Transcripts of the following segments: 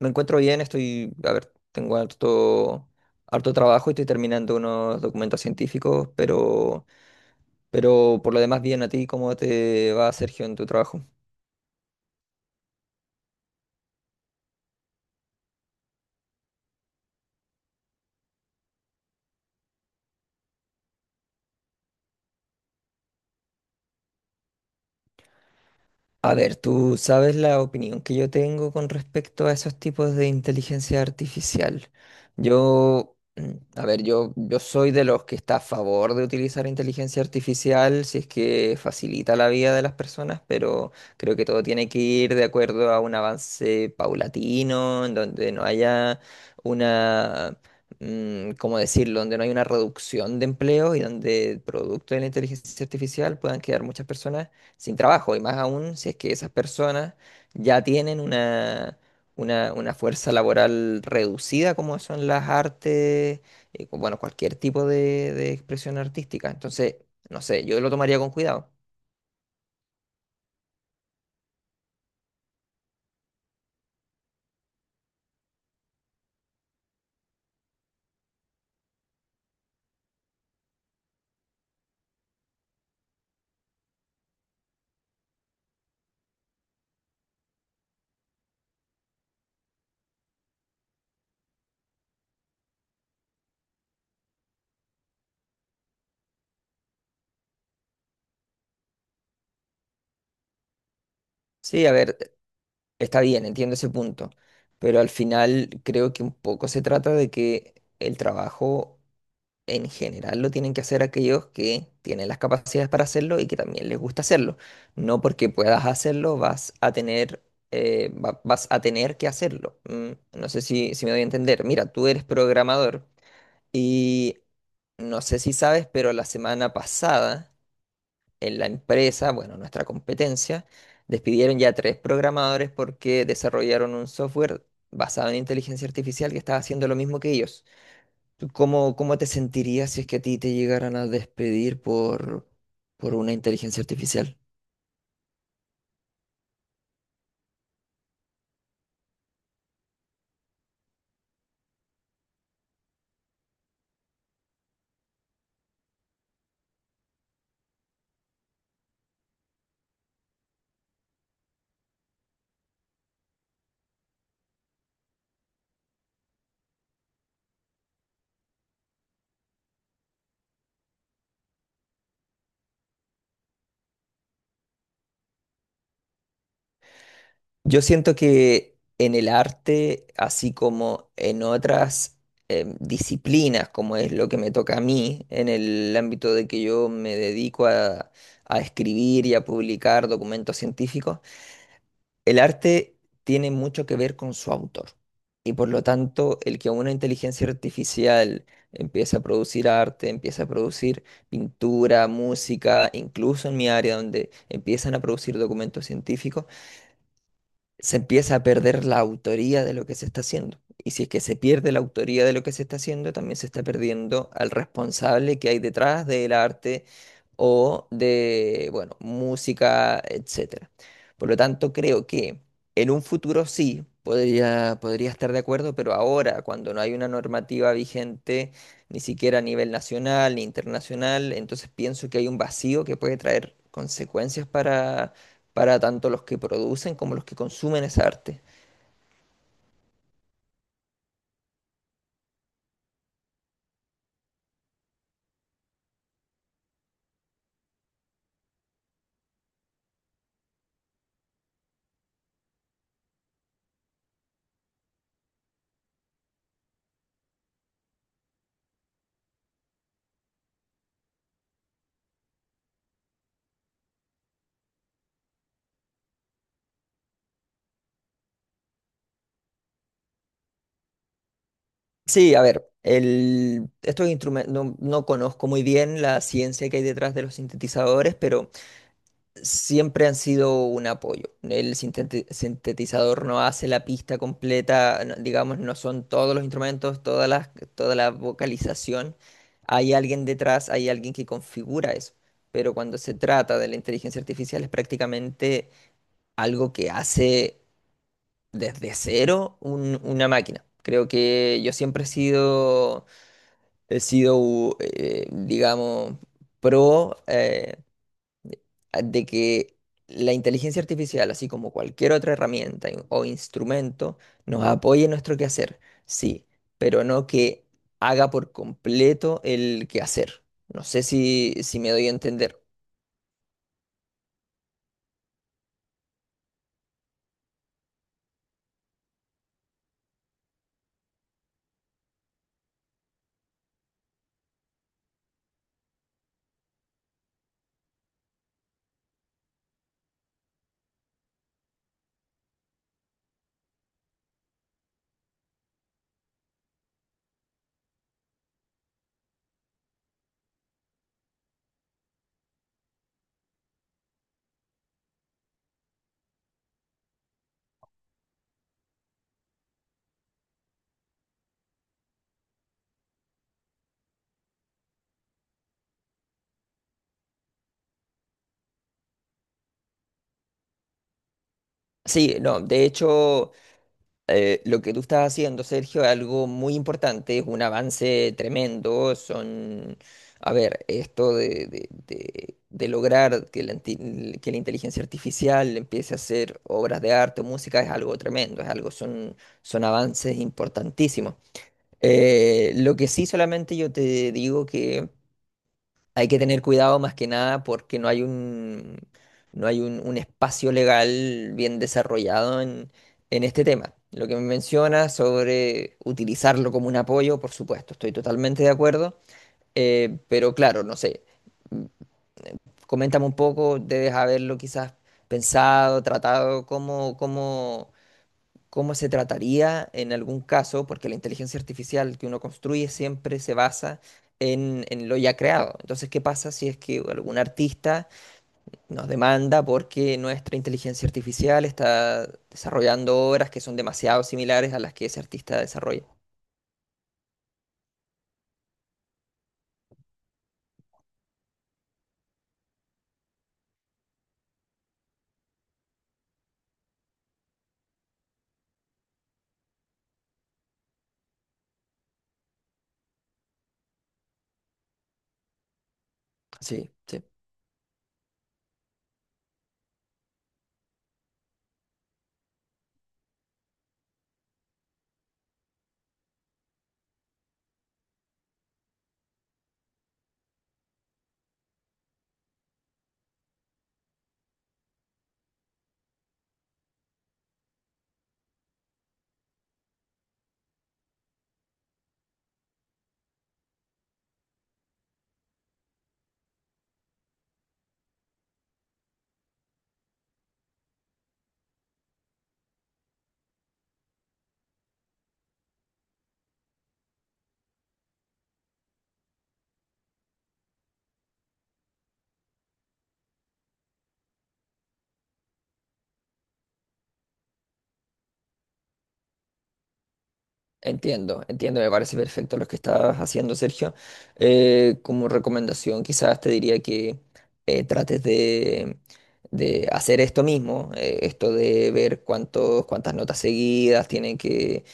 Me encuentro bien, estoy, a ver, tengo harto, harto trabajo y estoy terminando unos documentos científicos, pero por lo demás bien. A ti, ¿cómo te va, Sergio, en tu trabajo? A ver, tú sabes la opinión que yo tengo con respecto a esos tipos de inteligencia artificial. Yo, mm, a ver, yo soy de los que está a favor de utilizar inteligencia artificial si es que facilita la vida de las personas, pero creo que todo tiene que ir de acuerdo a un avance paulatino, en donde no haya una... ¿cómo decirlo? Donde no hay una reducción de empleo y donde producto de la inteligencia artificial puedan quedar muchas personas sin trabajo, y más aún si es que esas personas ya una fuerza laboral reducida como son las artes, bueno, cualquier tipo de expresión artística. Entonces, no sé, yo lo tomaría con cuidado. Sí, a ver, está bien, entiendo ese punto, pero al final creo que un poco se trata de que el trabajo en general lo tienen que hacer aquellos que tienen las capacidades para hacerlo y que también les gusta hacerlo. No porque puedas hacerlo vas a tener, vas a tener que hacerlo. No sé si me doy a entender. Mira, tú eres programador y no sé si sabes, pero la semana pasada en la empresa, bueno, nuestra competencia, despidieron ya tres programadores porque desarrollaron un software basado en inteligencia artificial que estaba haciendo lo mismo que ellos. ¿Tú cómo, cómo te sentirías si es que a ti te llegaran a despedir por una inteligencia artificial? Yo siento que en el arte, así como en otras disciplinas, como es lo que me toca a mí, en el ámbito de que yo me dedico a escribir y a publicar documentos científicos, el arte tiene mucho que ver con su autor y por lo tanto el que una inteligencia artificial empiece a producir arte, empiece a producir pintura, música, incluso en mi área donde empiezan a producir documentos científicos, se empieza a perder la autoría de lo que se está haciendo. Y si es que se pierde la autoría de lo que se está haciendo, también se está perdiendo al responsable que hay detrás del arte o de, bueno, música, etcétera. Por lo tanto, creo que en un futuro sí podría estar de acuerdo, pero ahora, cuando no hay una normativa vigente, ni siquiera a nivel nacional ni internacional, entonces pienso que hay un vacío que puede traer consecuencias para tanto los que producen como los que consumen esa arte. Sí, a ver, el, estos instrumentos, no conozco muy bien la ciencia que hay detrás de los sintetizadores, pero siempre han sido un apoyo. El sintetizador no hace la pista completa, no- digamos, no son todos los instrumentos, toda la vocalización. Hay alguien detrás, hay alguien que configura eso. Pero cuando se trata de la inteligencia artificial es prácticamente algo que hace desde cero una máquina. Creo que yo siempre he sido digamos, pro de que la inteligencia artificial, así como cualquier otra herramienta o instrumento, nos apoye en nuestro quehacer, sí, pero no que haga por completo el quehacer. No sé si me doy a entender. Sí, no, de hecho... lo que tú estás haciendo, Sergio, es algo muy importante, es un avance tremendo. Son, a ver, esto de lograr que que la inteligencia artificial empiece a hacer obras de arte o música es algo tremendo, es algo, son, son avances importantísimos. Lo que sí solamente yo te digo que hay que tener cuidado más que nada porque no hay no hay un espacio legal bien desarrollado en este tema. Lo que me menciona sobre utilizarlo como un apoyo, por supuesto, estoy totalmente de acuerdo. Pero claro, no sé, coméntame un poco, debes haberlo quizás pensado, tratado, cómo se trataría en algún caso, porque la inteligencia artificial que uno construye siempre se basa en lo ya creado. Entonces, ¿qué pasa si es que algún artista nos demanda porque nuestra inteligencia artificial está desarrollando obras que son demasiado similares a las que ese artista desarrolla? Sí, sí. Entiendo, entiendo, me parece perfecto lo que estás haciendo, Sergio. Como recomendación, quizás te diría que eh, trates de, de hacer esto mismo, esto de ver cuántos, cuántas notas seguidas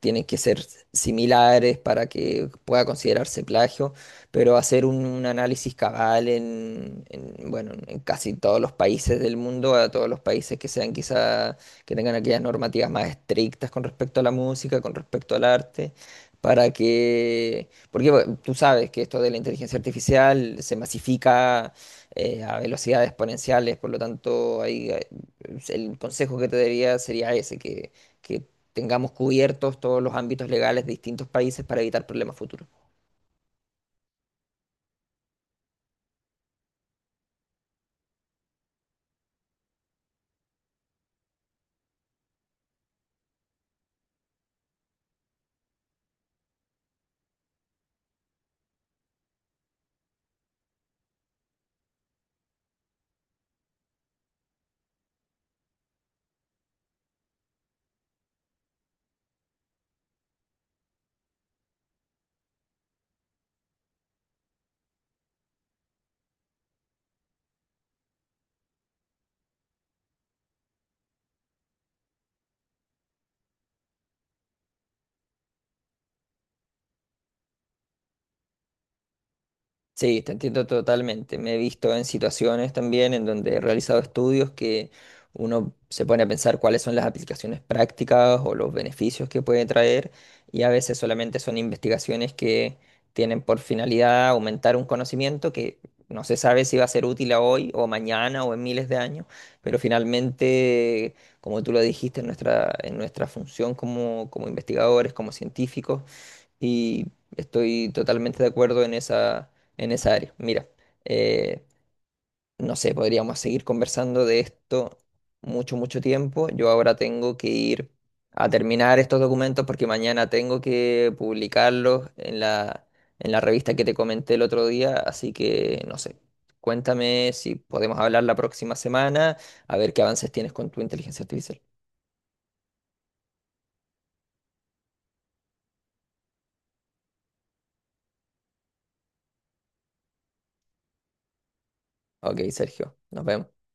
tienen que ser similares para que pueda considerarse plagio, pero hacer un análisis cabal bueno, en casi todos los países del mundo, a todos los países que sean quizá, que tengan aquellas normativas más estrictas con respecto a la música, con respecto al arte. Para que, porque bueno, tú sabes que esto de la inteligencia artificial se masifica a velocidades exponenciales, por lo tanto, ahí, el consejo que te daría sería ese, que tengamos cubiertos todos los ámbitos legales de distintos países para evitar problemas futuros. Sí, te entiendo totalmente. Me he visto en situaciones también en donde he realizado estudios que uno se pone a pensar cuáles son las aplicaciones prácticas o los beneficios que puede traer y a veces solamente son investigaciones que tienen por finalidad aumentar un conocimiento que no se sabe si va a ser útil a hoy o mañana o en miles de años, pero finalmente, como tú lo dijiste, en en nuestra función como investigadores, como científicos, y estoy totalmente de acuerdo en en esa área. Mira, eh, no sé, podríamos seguir conversando de esto mucho, mucho tiempo. Yo ahora tengo que ir a terminar estos documentos porque mañana tengo que publicarlos en en la revista que te comenté el otro día. Así que, no sé, cuéntame si podemos hablar la próxima semana, a ver qué avances tienes con tu inteligencia artificial. Ok, Sergio, nos vemos.